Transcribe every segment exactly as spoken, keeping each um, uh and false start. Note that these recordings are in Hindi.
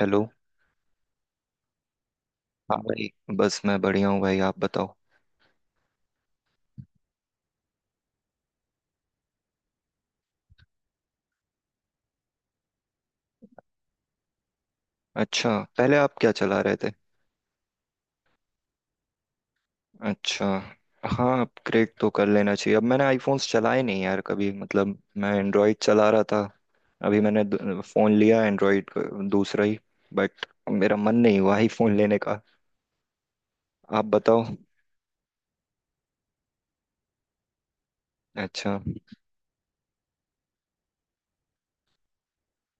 हेलो। हाँ भाई। बस मैं बढ़िया हूँ भाई, आप बताओ। अच्छा। पहले आप क्या चला रहे थे? अच्छा। हाँ अपग्रेड तो कर लेना चाहिए, अब मैंने आईफोन्स चलाए नहीं यार कभी, मतलब मैं एंड्रॉयड चला रहा था। अभी मैंने दू- फोन लिया एंड्रॉयड, दूसरा ही। बट मेरा मन नहीं हुआ आईफोन लेने का। आप बताओ। अच्छा।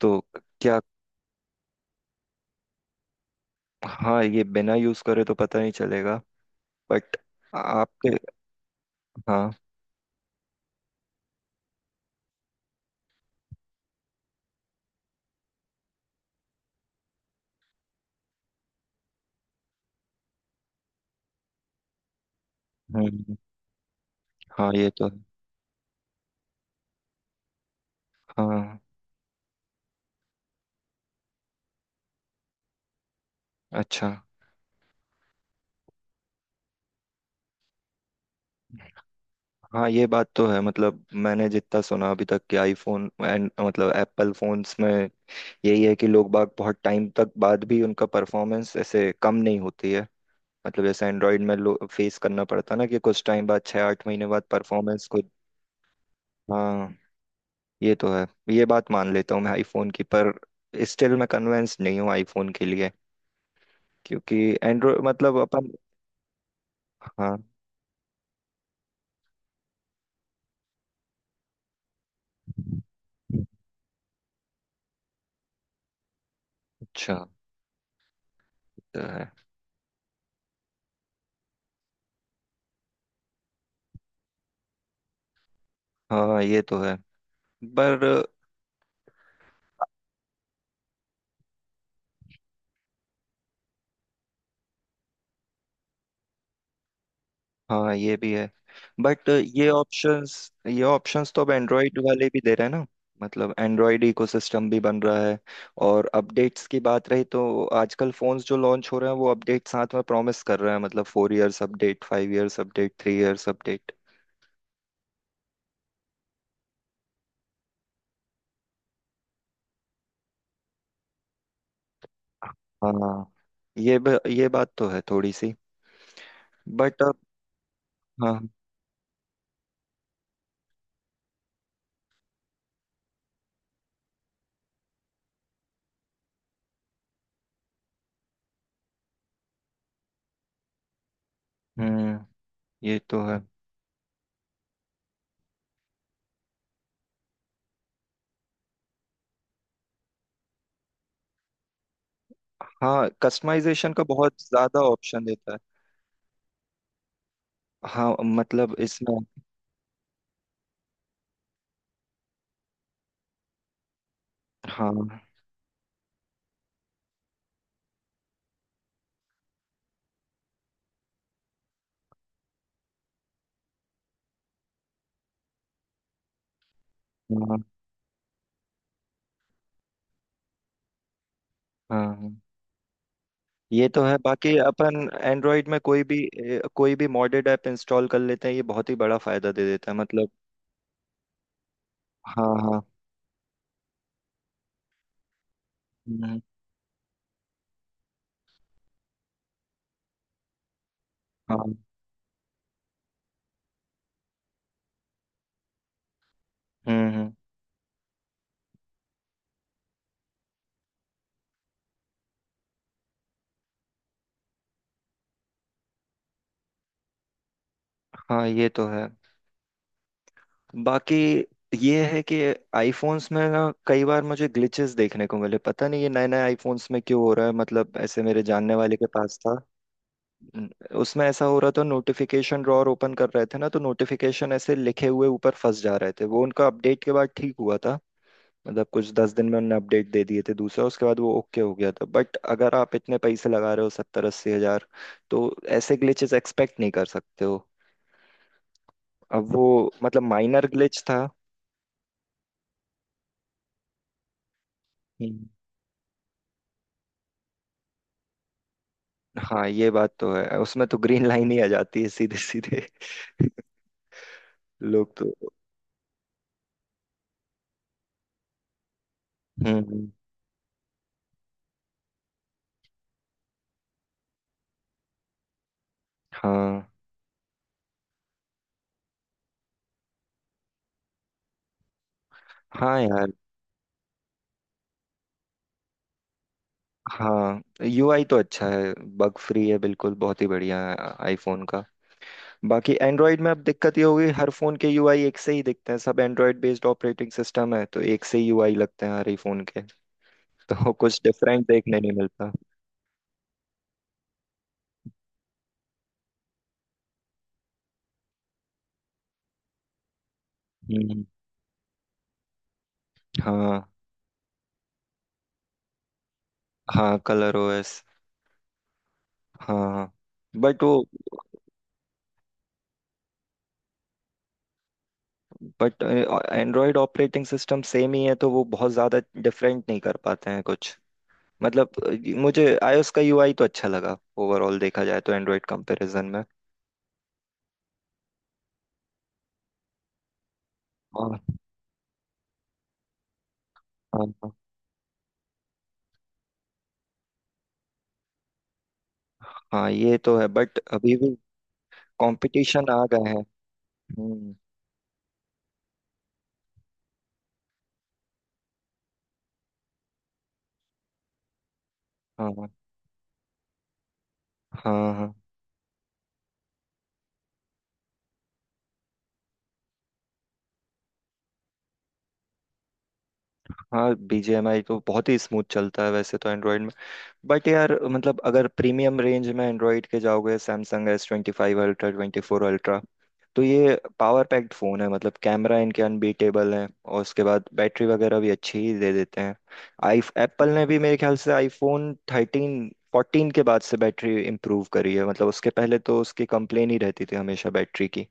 तो क्या? हाँ, ये बिना यूज करे तो पता नहीं चलेगा। बट आपके... हाँ। हम्म, हाँ ये तो। हाँ। अच्छा। हाँ ये बात तो है, मतलब मैंने जितना सुना अभी तक कि आईफोन एंड मतलब एप्पल फोन्स में यही है कि लोग बाग बहुत टाइम तक बाद भी उनका परफॉर्मेंस ऐसे कम नहीं होती है। मतलब जैसे एंड्रॉयड में लो फेस करना पड़ता ना कि कुछ टाइम बाद, छः आठ महीने बाद परफॉर्मेंस कुछ... हाँ ये तो है। ये बात मान लेता हूँ मैं आईफोन की, पर स्टिल मैं कन्विंस नहीं हूँ आईफोन के लिए, क्योंकि एंड्रॉयड मतलब अपन... हाँ। अच्छा। तो है। हाँ ये तो है, पर... हाँ ये भी है। बट ये ऑप्शंस, ये ऑप्शंस तो अब एंड्रॉयड वाले भी दे रहे हैं ना, मतलब एंड्रॉयड इकोसिस्टम भी बन रहा है। और अपडेट्स की बात रही तो आजकल फोन्स जो लॉन्च हो रहे हैं वो अपडेट साथ में प्रॉमिस कर रहे हैं, मतलब four years update, five years update, three years update. हाँ ये ब, ये बात तो है थोड़ी सी। बट अब... हाँ। हम्म, ये तो है। हाँ, कस्टमाइजेशन का बहुत ज्यादा ऑप्शन देता है। हाँ मतलब इसमें, हाँ हाँ। हाँ हाँ। ये तो है। बाकी अपन एंड्रॉयड में कोई भी ए, कोई भी मॉडेड ऐप इंस्टॉल कर लेते हैं, ये बहुत ही बड़ा फायदा दे देता है मतलब। हाँ हाँ। हम्म, हाँ। हम्म हम्म। हाँ ये तो है। बाकी ये है कि आईफोन्स में ना कई बार मुझे ग्लिचेस देखने को मिले, पता नहीं ये नए नए आईफोन्स में क्यों हो रहा है, मतलब ऐसे मेरे जानने वाले के पास था। न- उसमें ऐसा हो रहा था, नोटिफिकेशन ड्रॉअर ओपन कर रहे थे ना तो नोटिफिकेशन ऐसे लिखे हुए ऊपर फंस जा रहे थे वो, उनका अपडेट के बाद ठीक हुआ था। मतलब कुछ दस दिन में उनने अपडेट दे दिए थे, दूसरा उसके बाद वो ओके हो गया था, बट अगर आप इतने पैसे लगा रहे हो, सत्तर अस्सी हजार, तो ऐसे ग्लिचेस एक्सपेक्ट नहीं कर सकते हो। अब वो, मतलब माइनर ग्लिच था। हम्म। हाँ ये बात तो है, उसमें तो ग्रीन लाइन ही आ जाती है सीधे सीधे। लोग तो... हम्म हम्म। हाँ हाँ यार। हाँ, यूआई तो अच्छा है, बग फ्री है बिल्कुल, बहुत ही बढ़िया है आईफोन का। बाकी एंड्रॉयड में अब दिक्कत ये होगी हर फोन के यूआई एक से ही दिखते हैं, सब एंड्रॉयड बेस्ड ऑपरेटिंग सिस्टम है तो एक से ही यूआई लगते हैं हर ही फोन के। तो कुछ डिफरेंट देखने नहीं मिलता। हम्म। हाँ हाँ कलर ओएस। हाँ। बट वो... but android operating system same ही है तो वो बहुत ज्यादा डिफरेंट नहीं कर पाते हैं कुछ। मतलब अ, मुझे आईओएस का यूआई तो अच्छा लगा, ओवरऑल देखा जाए तो एंड्रॉयड कंपैरिजन में। हाँ। हाँ हाँ। हाँ, ये तो है, बट अभी भी कंपटीशन आ गए हैं। हम्म। हाँ। हाँ हाँ। हाँ बी जी एम आई तो बहुत ही स्मूथ चलता है वैसे तो एंड्रॉयड में। बट यार मतलब अगर प्रीमियम रेंज में एंड्रॉयड के जाओगे, Samsung S twenty five ultra, twenty four ultra, तो ये पावर पैक्ड फ़ोन है, मतलब कैमरा इनके अनबीटेबल है और उसके बाद बैटरी वगैरह भी अच्छी ही दे देते हैं। आई एप्पल ने भी मेरे ख्याल से आईफोन थर्टीन फोर्टीन के बाद से बैटरी इम्प्रूव करी है, मतलब उसके पहले तो उसकी कंप्लेन ही रहती थी हमेशा बैटरी की।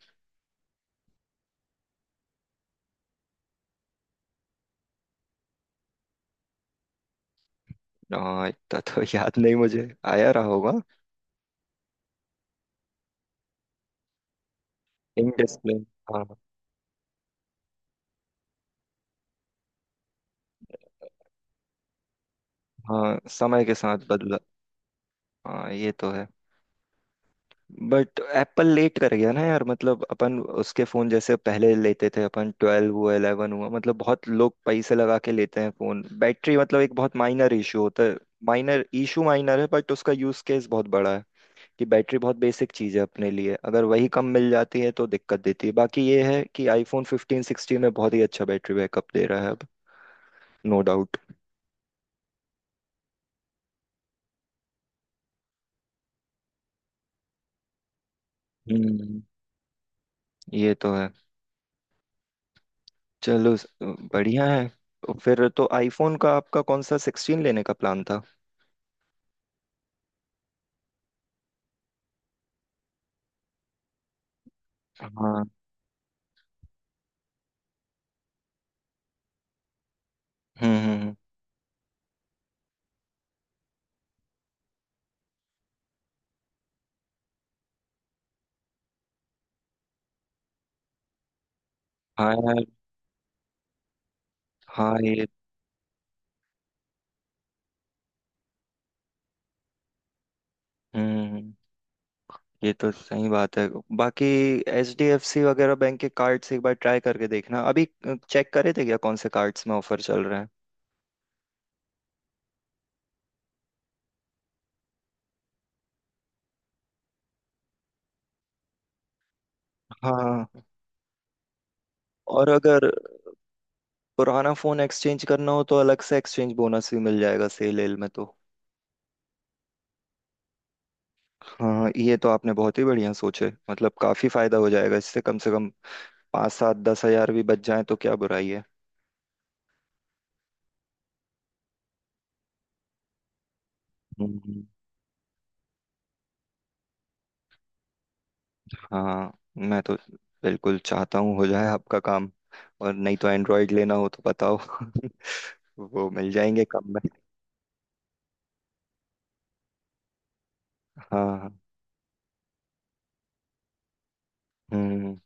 हाँ इतना तो याद नहीं मुझे, आया रहा होगा। इनडिसिप्लिन। हाँ। हाँ, समय के साथ बदला। हाँ ये तो है। बट एप्पल लेट कर गया ना यार, मतलब अपन उसके फोन जैसे पहले लेते थे अपन, ट्वेल्व हुआ, इलेवन हुआ, मतलब बहुत लोग पैसे लगा के लेते हैं फोन, बैटरी मतलब एक बहुत माइनर इशू होता है। माइनर इशू माइनर है बट उसका यूज केस बहुत बड़ा है कि बैटरी बहुत बेसिक चीज है अपने लिए, अगर वही कम मिल जाती है तो दिक्कत देती है। बाकी ये है कि आईफोन फिफ्टीन सिक्सटीन में बहुत ही अच्छा बैटरी बैकअप दे रहा है अब। No doubt. हम्म, ये तो है। चलो स- बढ़िया है। तो फिर तो आईफोन का आपका कौन सा सिक्सटीन लेने का प्लान था? हाँ। हम्म हम्म। हाँ यार। हाँ ये... हम्म हम्म, हम्म। ये तो सही बात है। बाकी एच डी एफ सी वगैरह बैंक के कार्ड्स एक बार ट्राई करके देखना, अभी चेक करे थे क्या, कौन से कार्ड्स में ऑफर चल रहा है। हाँ। और अगर पुराना फोन एक्सचेंज करना हो तो अलग से एक्सचेंज बोनस भी मिल जाएगा सेल एल में तो। हाँ, ये तो आपने बहुत ही बढ़िया सोचे, मतलब काफी फायदा हो जाएगा इससे, कम से कम पाँच सात दस हजार भी बच जाए तो क्या बुराई है। हम्म। हाँ मैं तो बिल्कुल चाहता हूँ हो जाए आपका काम। और नहीं तो एंड्रॉयड लेना हो तो बताओ। वो मिल जाएंगे कम में। हाँ। हम्म।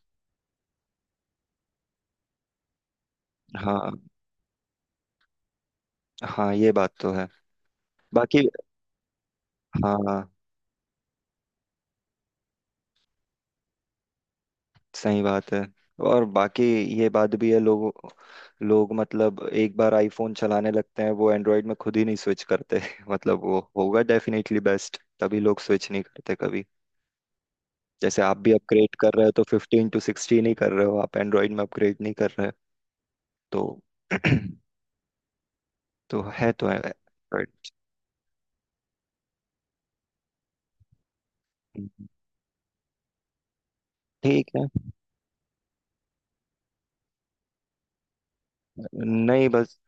हाँ हाँ, ये बात तो है। बाकी... हाँ, सही बात है। और बाकी ये बात भी है लोगों... लोग मतलब एक बार आईफोन चलाने लगते हैं वो एंड्रॉयड में खुद ही नहीं स्विच करते। मतलब वो होगा डेफिनेटली बेस्ट, तभी लोग स्विच नहीं करते कभी। जैसे आप भी अपग्रेड कर रहे हो तो फिफ्टीन टू सिक्सटीन ही कर रहे हो, आप एंड्रॉइड में अपग्रेड नहीं कर रहे। तो तो है, तो है Android। ठीक है। नहीं बस।